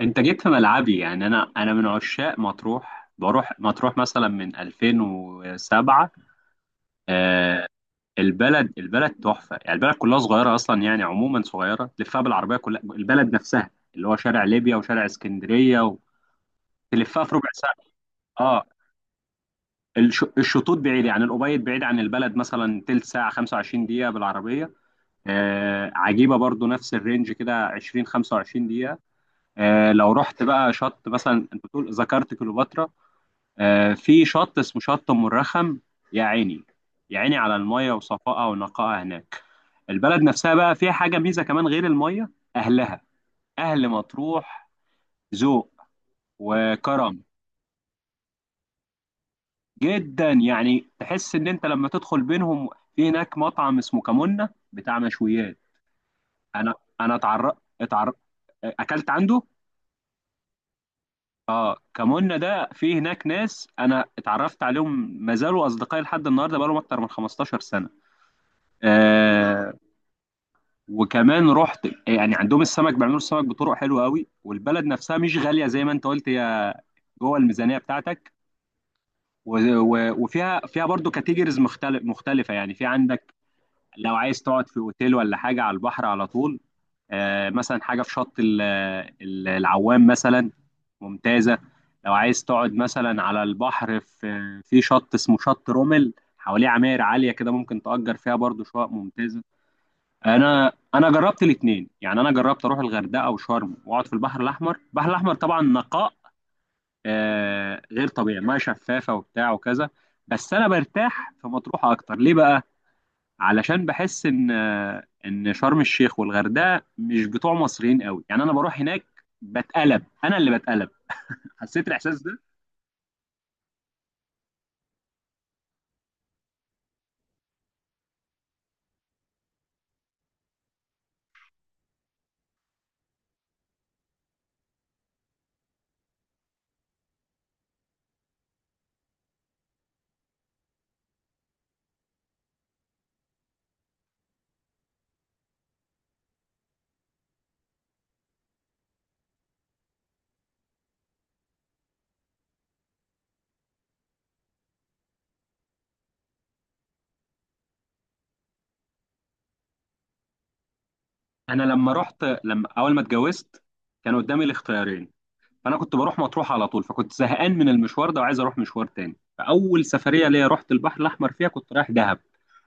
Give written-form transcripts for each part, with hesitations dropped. انت جيت في ملعبي. يعني انا من عشاق مطروح، بروح مطروح مثلا من 2007. آه، البلد تحفه يعني. البلد كلها صغيره اصلا، يعني عموما صغيره تلفها بالعربيه كلها البلد نفسها، اللي هو شارع ليبيا وشارع اسكندريه، وتلفها في ربع ساعه. اه، الشطوط بعيد، يعني الأبيض بعيد عن البلد، مثلا تلت ساعه، 25 دقيقه بالعربيه. آه، عجيبه برضو، نفس الرينج كده، 20 25 دقيقه. آه، لو رحت بقى شط مثلا، انت بتقول ذكرت كليوباترا، آه، في شط اسمه شط أم الرخم. يا عيني، يا عيني على المية وصفائها ونقائها هناك. البلد نفسها بقى فيها حاجة ميزة كمان غير المية، أهلها، أهل مطروح، ذوق وكرم جدا. يعني تحس إن أنت لما تدخل بينهم. في هناك مطعم اسمه كمونة، بتاع مشويات. أنا أنا اتعر اتعر أكلت عنده. اه، كمونة ده. في هناك ناس انا اتعرفت عليهم ما زالوا اصدقائي لحد النهارده، بقالهم اكتر من 15 سنه. آه، وكمان رحت، يعني عندهم السمك، بيعملوا السمك بطرق حلوه قوي، والبلد نفسها مش غاليه زي ما انت قلت، هي جوه الميزانيه بتاعتك. وفيها برضو كاتيجوريز مختلفه يعني. في عندك لو عايز تقعد في اوتيل ولا حاجه على البحر على طول، آه، مثلا حاجه في شط العوام مثلا، ممتازه. لو عايز تقعد مثلا على البحر، في شط اسمه شط رومل، حواليه عماير عاليه كده، ممكن تأجر فيها برضو شقق ممتازه. انا جربت الاثنين، يعني انا جربت اروح الغردقه وشرم، واقعد في البحر الاحمر. البحر الاحمر طبعا نقاء آه غير طبيعي، ميه شفافه وبتاع وكذا. بس انا برتاح في مطروح اكتر. ليه بقى؟ علشان بحس ان شرم الشيخ والغردقه مش بتوع مصريين قوي، يعني انا بروح هناك بتقلب، انا اللي بتقلب، حسيت الاحساس ده. انا لما اول ما اتجوزت كان قدامي الاختيارين. فانا كنت بروح مطروح على طول، فكنت زهقان من المشوار ده، وعايز اروح مشوار تاني، فاول سفريه ليا رحت البحر الاحمر فيها، كنت رايح دهب.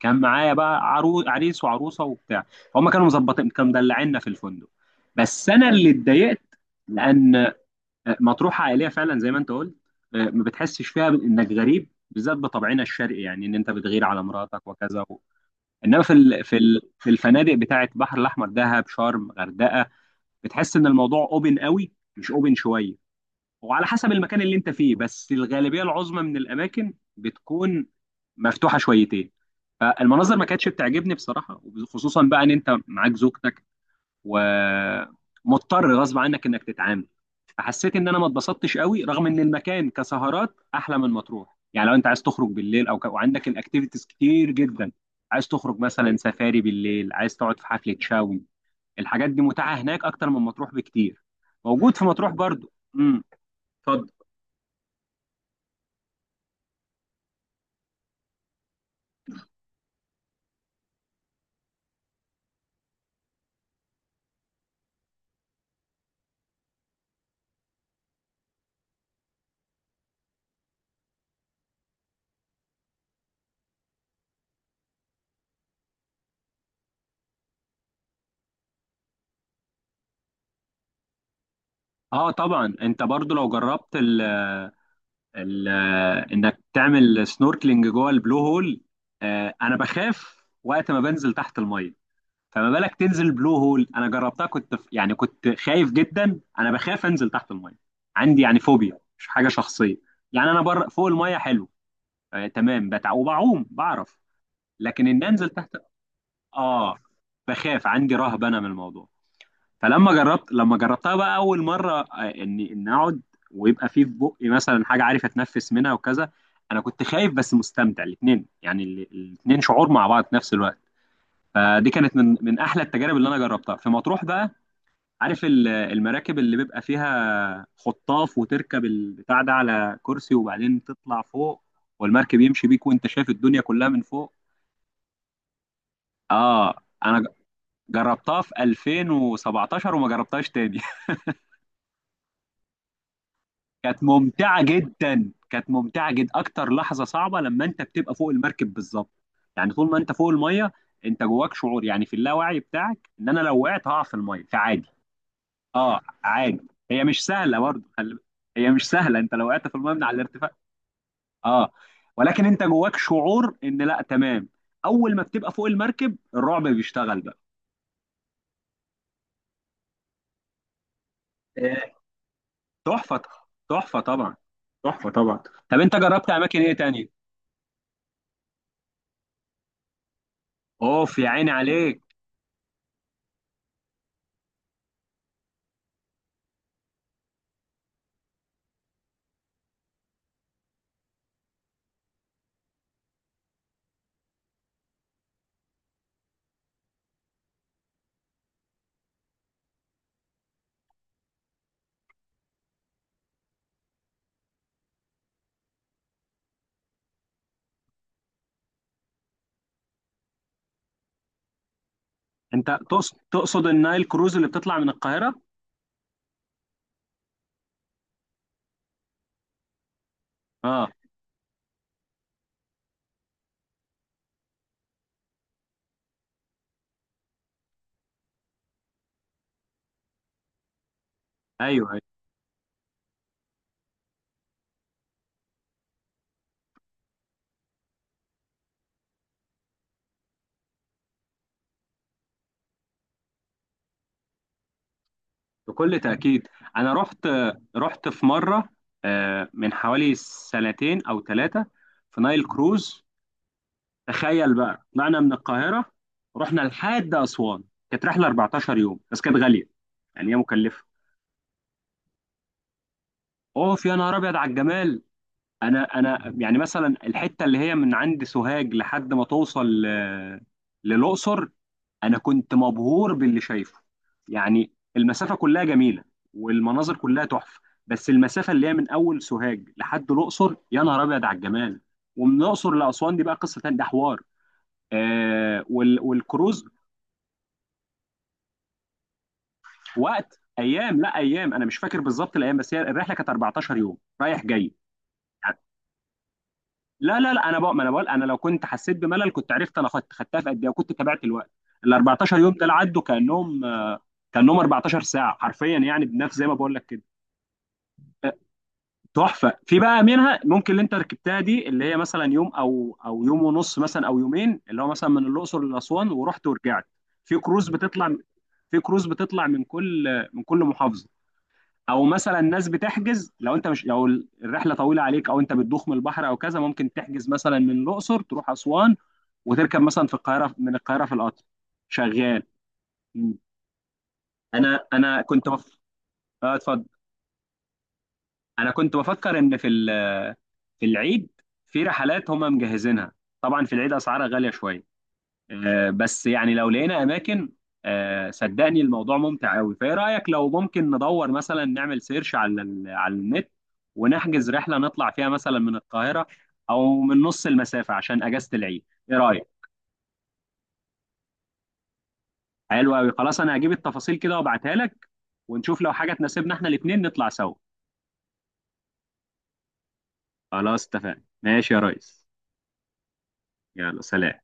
كان معايا بقى عريس وعروسه وبتاع، فهم كانوا مظبطين، كانوا مدلعيننا في الفندق، بس انا اللي اتضايقت، لان مطروح عائليه فعلا زي ما انت قلت، آه، ما بتحسش فيها انك غريب، بالذات بطبعنا الشرقي، يعني ان انت بتغير على مراتك وكذا و... انما في الفنادق بتاعه البحر الاحمر، دهب شرم غردقه، بتحس ان الموضوع اوبن قوي، مش اوبن شويه، وعلى حسب المكان اللي انت فيه، بس الغالبيه العظمى من الاماكن بتكون مفتوحه شويتين. المناظر ما كانتش بتعجبني بصراحه، خصوصا بقى ان انت معاك زوجتك، ومضطر غصب عنك انك تتعامل. فحسيت ان انا ما اتبسطتش قوي، رغم ان المكان كسهرات احلى من مطروح، يعني لو انت عايز تخرج بالليل او وعندك الاكتيفيتيز كتير جدا، عايز تخرج مثلا سفاري بالليل، عايز تقعد في حفله شاوي، الحاجات دي متاحه هناك اكتر من مطروح بكتير. موجود في مطروح برضو. اتفضل. اه، طبعا انت برضو لو جربت ال ال انك تعمل سنوركلينج جوه البلو هول، آه، انا بخاف وقت ما بنزل تحت الميه، فما بالك تنزل بلو هول. انا جربتها، كنت في، يعني كنت خايف جدا. انا بخاف انزل تحت الميه، عندي يعني فوبيا، مش حاجه شخصيه. يعني انا بره فوق الميه حلو، آه، تمام، بتع وبعوم بعرف، لكن ان انزل تحت، اه، بخاف، عندي رهبه انا من الموضوع. فلما جربت لما جربتها بقى اول مره، آه، اني ان اقعد، ويبقى في بقي مثلا حاجه عارف اتنفس منها وكذا، انا كنت خايف بس مستمتع، الاثنين يعني، الاثنين شعور مع بعض في نفس الوقت. فدي كانت من احلى التجارب اللي انا جربتها في مطروح. بقى عارف المراكب اللي بيبقى فيها خطاف، وتركب البتاع ده على كرسي، وبعدين تطلع فوق، والمركب يمشي بيك وانت شايف الدنيا كلها من فوق؟ اه، انا جربتها في 2017، وما جربتهاش تاني. كانت ممتعة جدا، كانت ممتعة جدا. أكتر لحظة صعبة لما أنت بتبقى فوق المركب بالظبط، يعني طول ما أنت فوق المية، أنت جواك شعور، يعني في اللاوعي بتاعك، إن أنا لو وقعت هقع في المية فعادي. أه عادي، هي مش سهلة برضه، هي مش سهلة، أنت لو وقعت في المية من على الارتفاع، أه، ولكن أنت جواك شعور إن لا تمام. أول ما بتبقى فوق المركب الرعب بيشتغل بقى. آه، تحفة، تحفة طبعا، تحفة طبعا. طب أنت جربت أماكن إيه تاني؟ أوف يا عيني عليك. انت تقصد النايل كروز اللي بتطلع من القاهره؟ اه، ايوه ايوه، بكل تاكيد. انا رحت في مره، آه، من حوالي سنتين او ثلاثه، في نايل كروز. تخيل بقى، طلعنا من القاهره، رحنا لحد اسوان. كانت رحله 14 يوم، بس كانت غاليه، يعني هي مكلفه. اوف يا نهار ابيض على الجمال. انا يعني مثلا الحته اللي هي من عند سوهاج لحد ما توصل آه، للاقصر، انا كنت مبهور باللي شايفه، يعني المسافه كلها جميله، والمناظر كلها تحفه، بس المسافه اللي هي من اول سوهاج لحد الاقصر، يا نهار ابيض على الجمال. ومن الاقصر لاسوان دي بقى قصه تانية، ده حوار. آه، والكروز، وقت ايام، لا ايام، انا مش فاكر بالظبط الايام، بس هي الرحله كانت 14 يوم رايح جاي يعني. لا لا لا، انا بقى، ما انا بقول، انا لو كنت حسيت بملل كنت عرفت انا خدتها في قد ايه، وكنت تابعت الوقت. ال 14 يوم دول عدوا كانهم 14 ساعه حرفيا، يعني بنفس زي ما بقول لك كده. تحفه. في بقى منها ممكن اللي انت ركبتها دي، اللي هي مثلا يوم، او يوم ونص مثلا، او يومين، اللي هو مثلا من الاقصر لاسوان ورحت ورجعت. في كروز بتطلع في كروز بتطلع من كل محافظه، او مثلا ناس بتحجز، لو انت مش لو الرحله طويله عليك، او انت بتدوخ من البحر او كذا، ممكن تحجز مثلا من الاقصر تروح اسوان، وتركب مثلا في القاهره من القاهره في القطر شغال. مم. انا كنت اه اتفضل. انا كنت بفكر ان في العيد في رحلات هم مجهزينها، طبعا في العيد اسعارها غاليه شويه، آه، بس يعني لو لقينا اماكن، آه، صدقني الموضوع ممتع قوي. فايه رايك لو ممكن ندور مثلا، نعمل سيرش على النت، ونحجز رحله نطلع فيها مثلا من القاهره، او من نص المسافه عشان اجازه العيد. ايه رايك؟ حلو قوي. خلاص، انا هجيب التفاصيل كده وابعتها لك، ونشوف لو حاجه تناسبنا احنا الاثنين نطلع سوا. خلاص اتفقنا. ماشي يا ريس. يلا سلام.